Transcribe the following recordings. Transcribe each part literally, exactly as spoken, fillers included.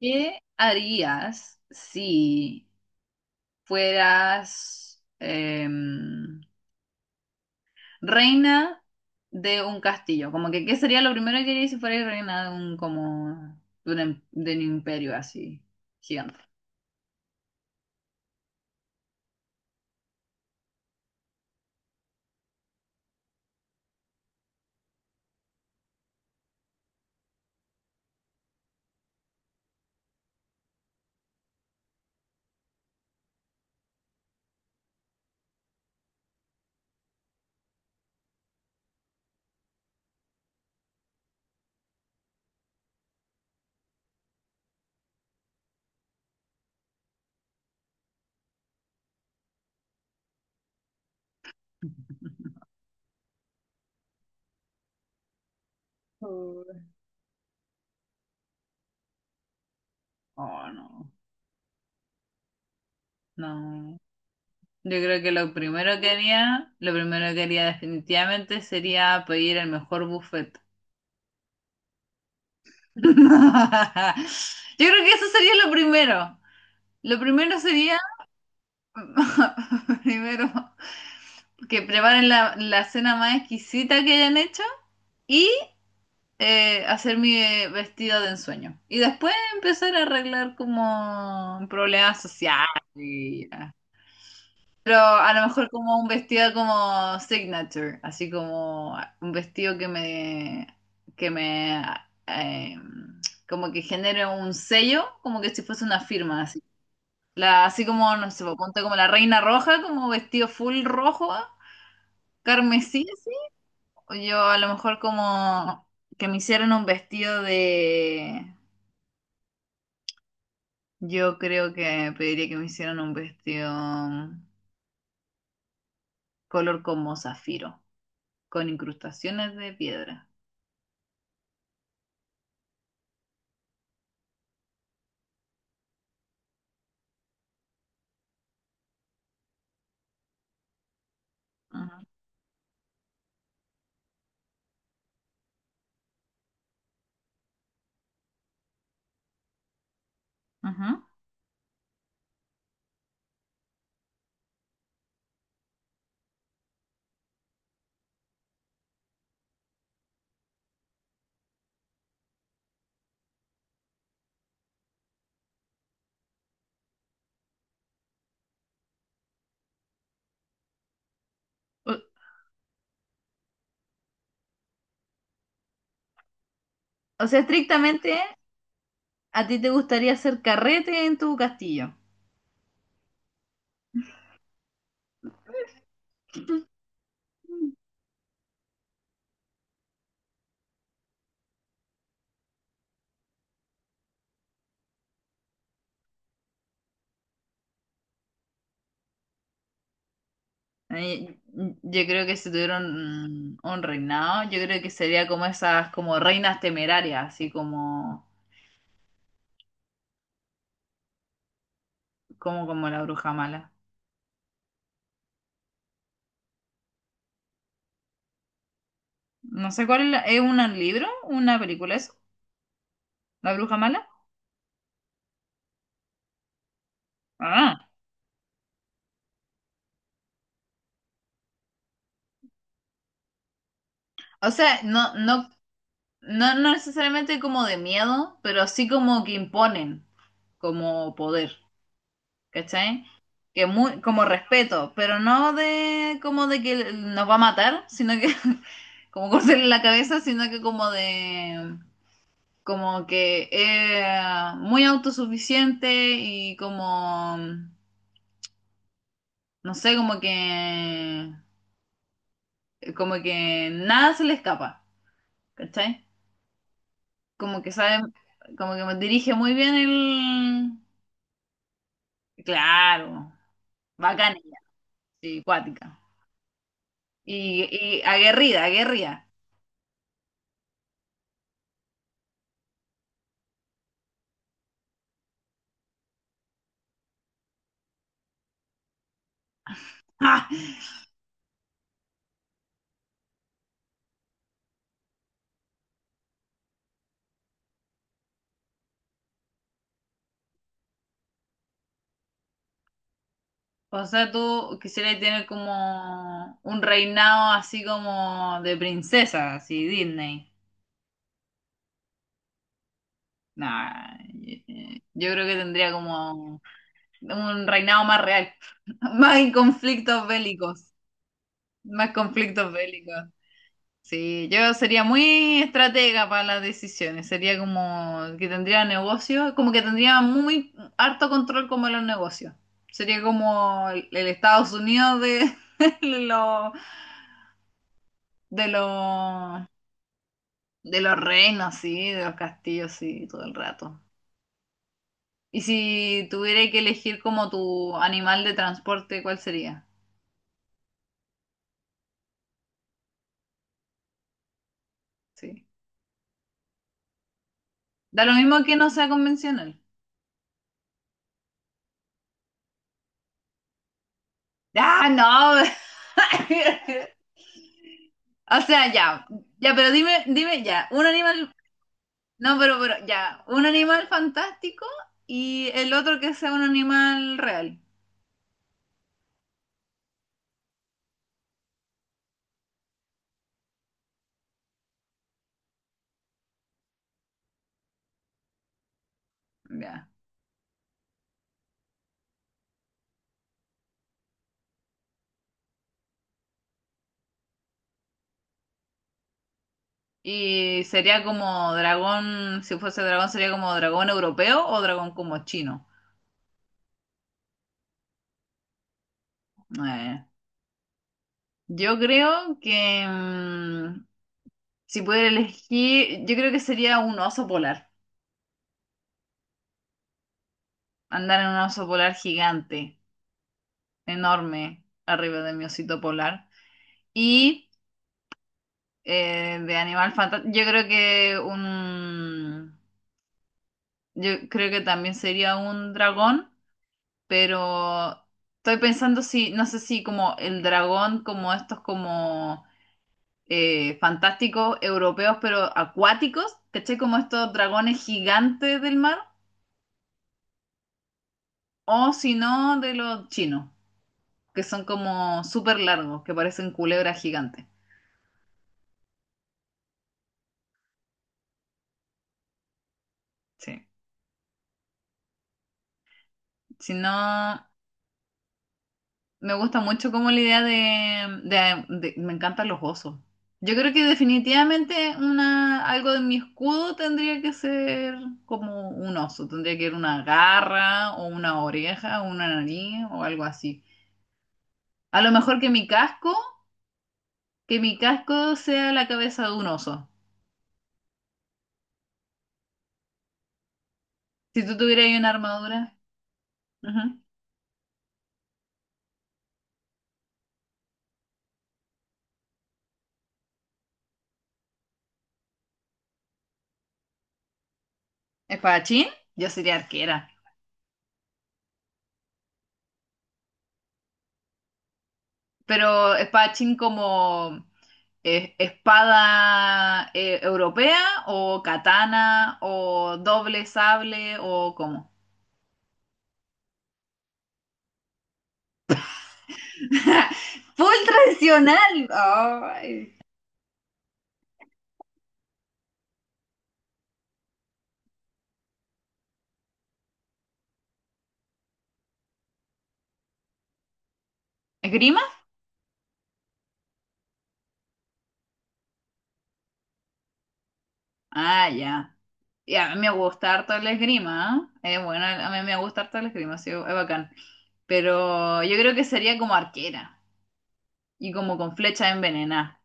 ¿Qué harías si fueras em, reina de un castillo? Como que, ¿qué sería lo primero que harías si fueras reina de un, como, de un, em- de un imperio así gigante? Oh. Oh, no, no. Yo creo que lo primero que haría, lo primero que haría definitivamente sería pedir el mejor buffet. Yo creo que eso sería lo primero. Lo primero sería... Primero, que preparen la, la cena más exquisita que hayan hecho y eh, hacer mi eh, vestido de ensueño. Y después empezar a arreglar como problemas sociales. Y, ah. Pero a lo mejor como un vestido como signature, así como un vestido que me, que me, eh, como que genere un sello, como que si fuese una firma, así. La, así como, no sé, ponte como la reina roja, como vestido full rojo, carmesí, así. O yo a lo mejor como que me hicieran un vestido de... Yo creo que pediría que me hicieran un vestido color como zafiro, con incrustaciones de piedra. Ujú, ujú. O, o sea, estrictamente, ¿a ti te gustaría hacer carrete en tu castillo? Mm. Eh, Yo creo que si tuviera un, un reinado, yo creo que sería como esas como reinas temerarias, así como, como, como la bruja mala. No sé cuál es, la- ¿es un libro, una película eso, La Bruja Mala? Ah, o sea, no, no, no, no necesariamente como de miedo, pero sí como que imponen como poder, ¿cachai? Que muy, como respeto, pero no de como de que nos va a matar, sino que como cortarle la cabeza, sino que como de como que es muy autosuficiente y como no sé, como que como que nada se le escapa, ¿cachai? Como que sabe, como que me dirige muy bien el... Claro, bacana ella, sí, cuática. Y, y aguerrida, aguerrida. ¡Ah! O sea, tú quisieras tener como un reinado así como de princesa, así Disney. Nah, eh, eh, yo creo que tendría como un reinado más real, más conflictos bélicos, más conflictos bélicos. Sí, yo sería muy estratega para las decisiones. Sería como que tendría negocios, como que tendría muy harto control como de los negocios. Sería como el, el Estados Unidos de, de los de los de los reinos, sí, de los castillos, sí, todo el rato. Y si tuviera que elegir como tu animal de transporte, ¿cuál sería? Sí. Da lo mismo que no sea convencional. Ah, no. O sea, ya, ya, pero dime, dime ya, un animal, no, pero, pero, ya, un animal fantástico y el otro que sea un animal real, ya. Y sería como dragón, si fuese dragón sería como dragón europeo o dragón como chino. Eh, yo creo que mm, si pudiera elegir, yo creo que sería un oso polar, andar en un oso polar gigante, enorme, arriba de mi osito polar. Y... Eh, de animal fantástico. Yo creo que un... Yo creo que también sería un dragón, pero estoy pensando si, no sé si como el dragón, como estos como eh, fantásticos europeos, pero acuáticos, ¿cachai? Como estos dragones gigantes del mar, o si no, de los chinos, que son como súper largos, que parecen culebras gigantes. Sí. Si no... Me gusta mucho como la idea de, de- de- Me encantan los osos. Yo creo que definitivamente una, algo de mi escudo tendría que ser como un oso. Tendría que ser una garra o una oreja o una nariz o algo así. A lo mejor que mi casco, que mi casco sea la cabeza de un oso. Si tú tuvieras ahí una armadura. Ujú. ¿Espadachín? Yo sería arquera. Pero espadachín como... ¿Es espada eh, europea o katana o doble sable o cómo? Full tradicional. Ay. ¿Esgrima? Ah, ya. Y a mí me gusta harto el esgrima, ¿eh? Eh, bueno, a mí me gusta harto el esgrima, sí, es bacán. Pero yo creo que sería como arquera y como con flecha envenenada.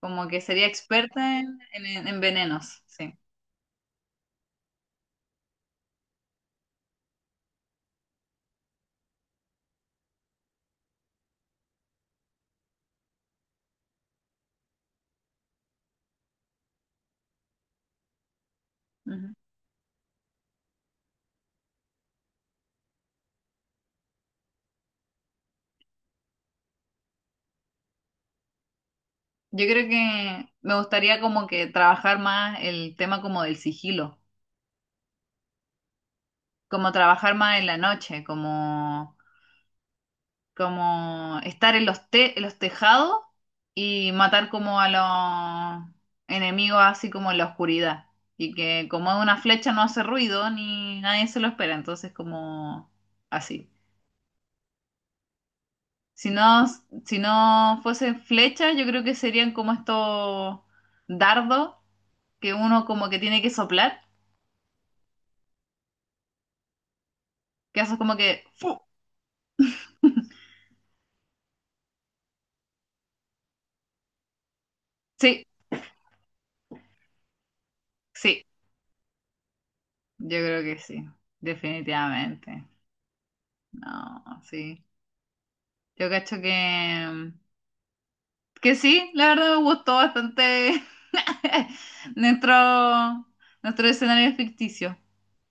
Como que sería experta en, en- en venenos, sí. Ujú. Yo creo que me gustaría como que trabajar más el tema como del sigilo, como trabajar más en la noche, como, como estar en los te- en los tejados y matar como a los enemigos así como en la oscuridad. Y que como es una flecha no hace ruido ni nadie se lo espera, entonces como así. Si no, si no fuesen flechas, yo creo que serían como estos dardos que uno como que tiene que soplar. Que haces como que... ¡fu! Sí, sí, yo creo que sí, definitivamente. No, sí. Yo cacho que... Que sí, la verdad me gustó bastante nuestro, nuestro escenario ficticio.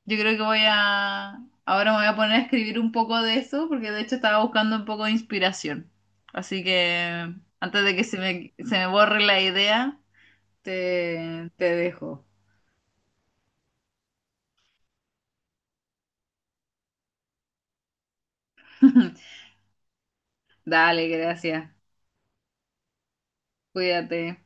Yo creo que voy a... Ahora me voy a poner a escribir un poco de eso, porque de hecho estaba buscando un poco de inspiración. Así que antes de que se me, se me borre la idea, te, te dejo. Dale, gracias. Cuídate.